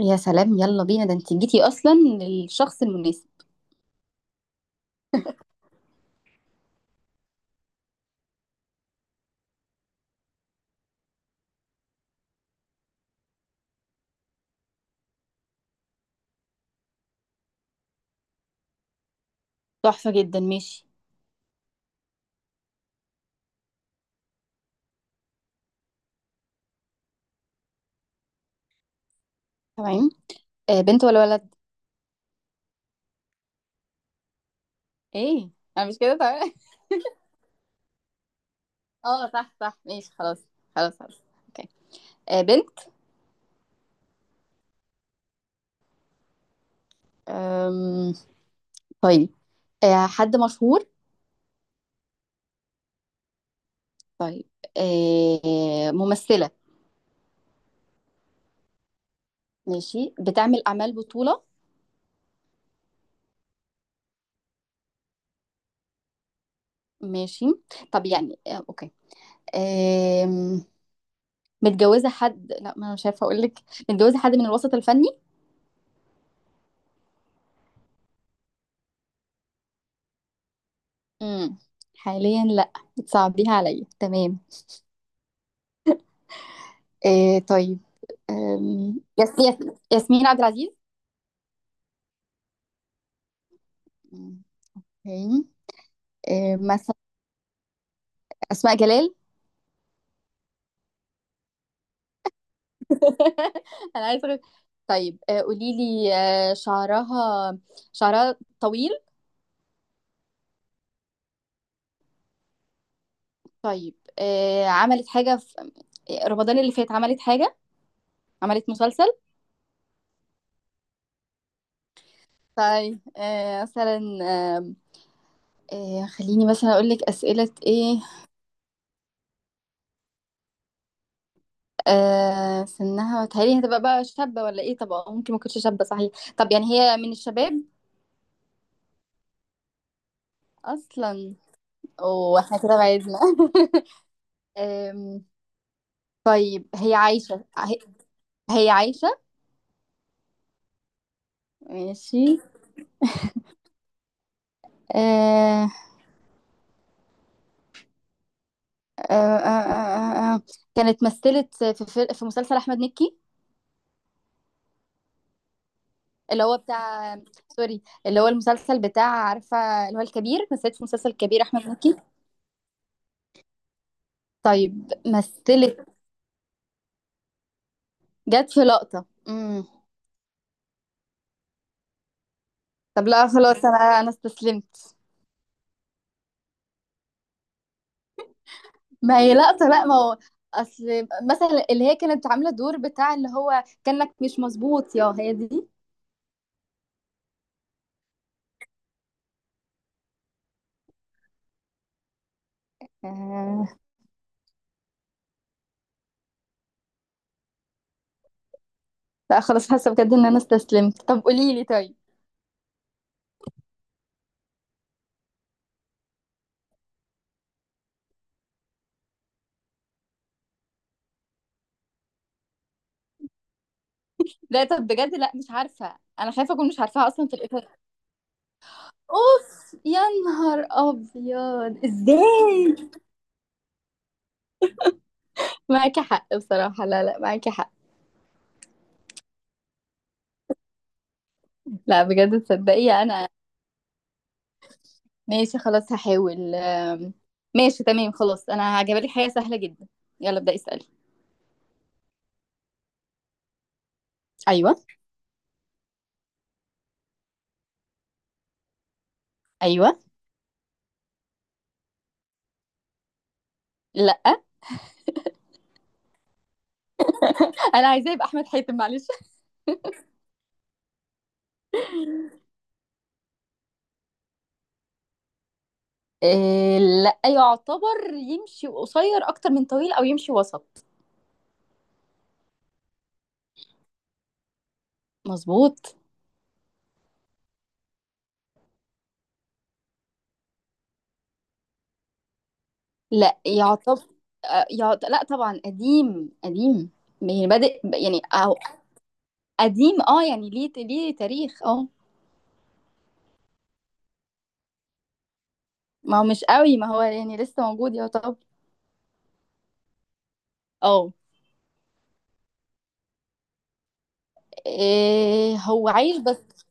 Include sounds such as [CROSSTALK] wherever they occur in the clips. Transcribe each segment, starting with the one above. يا سلام، يلا بينا، ده انت جيتي اصلا للشخص المناسب. تحفة جدا، ماشي، تمام. آه، بنت ولا ولد؟ ايه؟ انا مش كده، تمام. [LAUGHS] اه، صح صح، ماشي، خلاص. خلاص خلاص، اوكي. آه، بنت. أم... طيب، آه، حد مشهور؟ طيب، آه، ممثلة؟ ماشي، بتعمل اعمال بطولة؟ ماشي. طب يعني آه، اوكي. آم... متجوزة حد؟ لا، ما انا مش عارفة اقول لك. متجوزة حد من الوسط الفني؟ امم، حاليا لا. بتصعبيها عليا، تمام. آه طيب، يس يس، ياسمين عبد العزيز؟ اوكي. آه، مثلا أسماء جلال؟ [LAUGHS] أنا عايزة أقول- طيب، آه قولي لي، آه، شعرها. شعرها طويل؟ طيب آه [LAUGHS] عملت حاجة في رمضان اللي فات؟ عملت حاجة؟ عملت مسلسل؟ طيب، آه، مثلا آه. آه، خليني مثلا أقول لك أسئلة إيه. آه، سنها، بتهيألي هتبقى بقى شابة ولا إيه؟ طب ممكن ما تكونش شابة، صحيح. طب يعني هي من الشباب أصلا؟ واحنا كده بعدنا. [LAUGHS] أم، طيب، هي عايشة هي عايشة؟ ماشي. آه آه آه آه آه، آه. كانت مثلت في مسلسل أحمد مكي. اللي هو بتاع سوري، اللي هو المسلسل بتاع، عارفة، اللي هو الكبير. مثلت في مسلسل الكبير أحمد مكي؟ طيب مثلت، جت في لقطة. امم، طب لا خلاص، أنا استسلمت. ما هي لقطة، لا، ما هو اصل مثلا اللي هي كانت عاملة دور بتاع، اللي هو كأنك مش مظبوط يا هي دي. آه. لا خلاص، حاسة بجد ان انا استسلمت. طب قولي لي طيب. لا طب بجد، لا، مش عارفة، انا خايفة اكون مش عارفاها اصلا في الإطار. اوف يا نهار ابيض، ازاي؟ معاكي حق بصراحة، لا لا، معاكي حق. لا بجد تصدقي انا. ماشي خلاص هحاول. ماشي تمام، خلاص انا هجيبلك حاجة سهلة جدا. يلا ابدأي اسألي. ايوه. ايوه. لا. انا عايزاه يبقى احمد حاتم، معلش. إيه؟ لا، يعتبر يمشي قصير اكتر من طويل، او يمشي وسط. مظبوط. لا يعتبر. لا طبعا، قديم قديم. يعني بادئ يعني، أو قديم اه، يعني ليه ليه تاريخ اه. ما هو مش قوي، ما هو يعني لسه موجود يعتبر. اه. إيه هو عايش بس.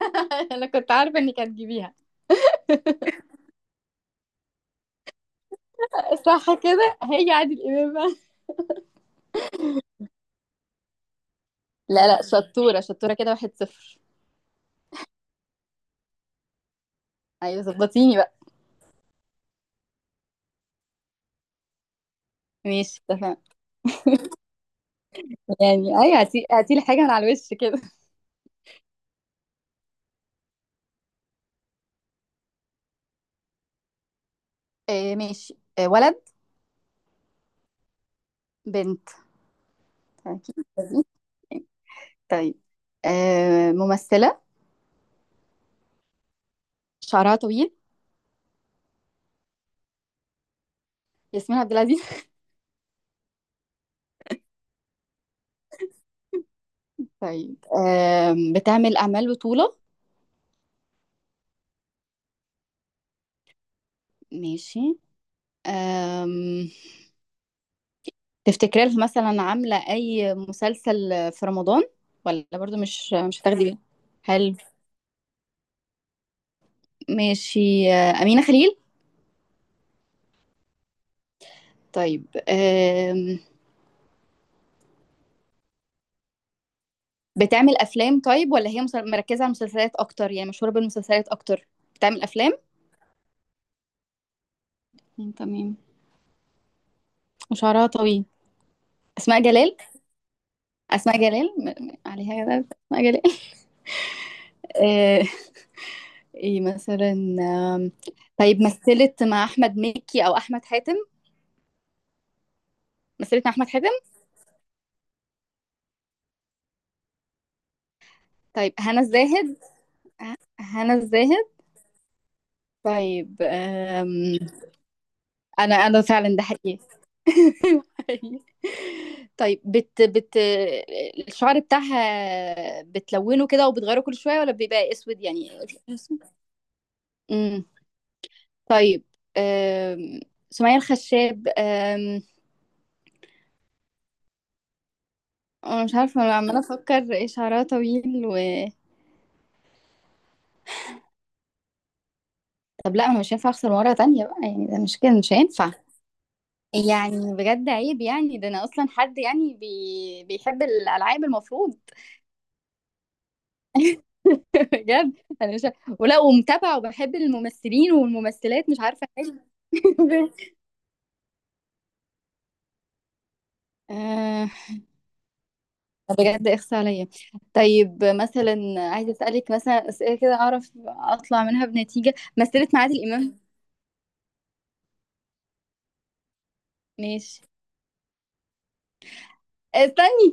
[LAUGHS] انا كنت عارفه انك هتجيبيها. صح كده، هي عادل امام بقى. لا لا، شطورة شطورة كده، واحد صفر. ايوه ظبطيني بقى. ماشي، اتفقنا. يعني اي، هاتي هاتي لي حاجه من على الوش كده. آه ماشي. آه، ولد؟ بنت؟ أكيد لذيذ. طيب، آه، ممثله؟ شعرها طويل؟ ياسمين عبد العزيز؟ [LAUGHS] طيب، بتعمل اعمال بطوله؟ ماشي. آم، تفتكري لها مثلا عامله اي مسلسل في رمضان، ولا برضو مش هتاخدي بالك؟ حلو، ماشي. آه، امينه خليل؟ طيب. بتعمل أفلام طيب، ولا هي مركزة على المسلسلات أكتر، يعني مشهورة بالمسلسلات أكتر؟ بتعمل أفلام. مم، تمام. وشعرها طويل. أسماء جلال؟ أسماء جلال، عليها جلال، أسماء جلال. [LAUGHS] آه، إيه مثلا. آم، طيب مثلت مع أحمد مكي أو أحمد حاتم؟ مثلت مع أحمد حاتم. طيب، هنا الزاهد؟ هنا الزاهد. طيب. أنا فعلا ده حقيقي. [LAUGHS] أيوة حقيقي. طيب، بت، الشعر بتاعها بتلونه كده وبتغيره كل شوية، ولا بيبقى اسود يعني؟ اسود. امم، طيب. أم... سمية الخشاب؟ انا مش عارفة، انا عمالة افكر. إيه؟ شعرها طويل و... طب لا، انا مش هينفع اخسر مرة تانية بقى، يعني ده مش كده، مش هينفع. يعني بجد عيب، يعني ده انا اصلا حد يعني بيحب الالعاب المفروض. بجد، انا مش، ولا ومتابعه وبحب الممثلين والممثلات، مش عارفه حاجه. [LAUGHS] آه، بجد اخس عليا. طيب مثلا، عايزه اسالك مثلا اسئله كده اعرف اطلع منها بنتيجه. مثلت مع عادل امام؟ ماشي. استني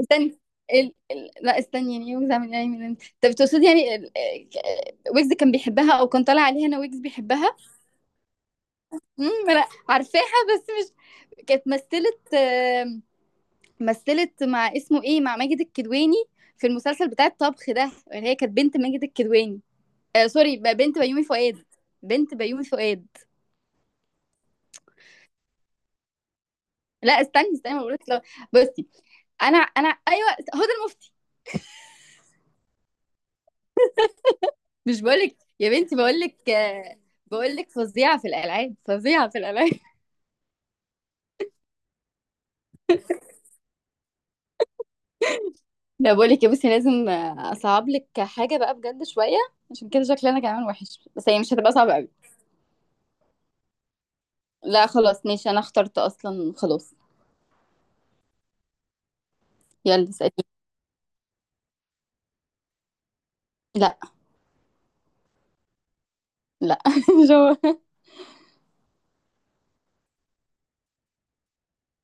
استني. لا استني، يعني ويجز عامل، يعني من انت؟ طب تقصدي يعني ويجز كان بيحبها، او كان طالع عليها؟ انا، ويجز بيحبها. امم، لا، عارفاها بس مش، كانت مثلت، آه، مثلت مع، اسمه ايه، مع ماجد الكدواني، في المسلسل بتاع الطبخ ده، اللي هي كانت بنت ماجد الكدواني. آه سوري، بنت بيومي فؤاد. بنت بيومي فؤاد. لا استني استني، بقول لك لو، بصي، انا ايوه، هدى المفتي؟ مش بقول لك يا بنتي، بقول لك، آه، بقول لك فظيعه في الالعاب، فظيعه في الالعاب. [LAUGHS] لا بقول لك يا، بصي، لازم، آه، اصعب لك حاجه بقى بجد شويه. عشان كده شكلي انا كمان وحش، بس هي مش هتبقى صعبه قوي. لا خلاص ماشي، انا اخترت اصلا، خلاص. يلا اسالي. لا. لا. [LAUGHS] مش هو.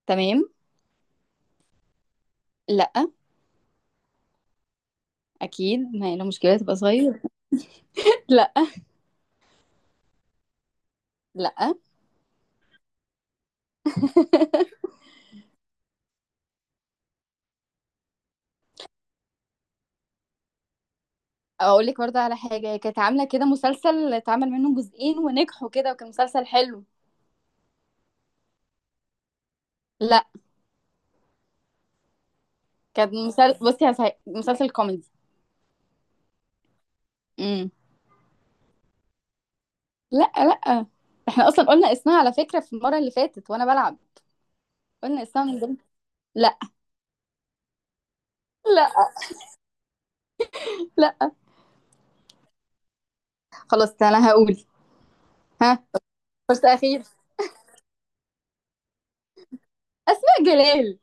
تمام. لا. اكيد، ما هي لو مشكله تبقى صغير. لا. لا. [LAUGHS] اقول لك برضه على حاجه، هي كانت عامله كده مسلسل اتعمل منه جزئين ونجحوا كده، وكان مسلسل حلو. لا، كان مسلسل، بصي، هسه مسلسل كوميدي. امم. لا لا، احنا اصلا قلنا اسمها على فكره في المره اللي فاتت وانا بلعب. قلنا اسمها من ضمن. لا. لا. لا. خلاص انا هقول. ها، فرصه اخيره. اسماء جلال.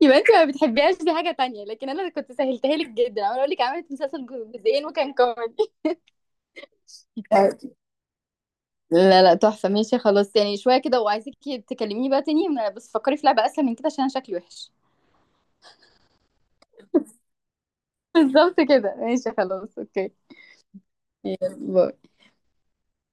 يبقى انت ما بتحبيهاش، دي حاجه تانية، لكن انا كنت سهلتها لك جدا. انا اقول لك عملت مسلسل جزئين وكان كوميدي. آه، لا لا، تحفة، ماشي خلاص، يعني شوية كده، وعايزاكي تكلميني بقى تاني. بس فكري في لعبة أسهل من كده، عشان أنا شكلي وحش. [LAUGHS] بالظبط كده، ماشي خلاص، اوكي. باي.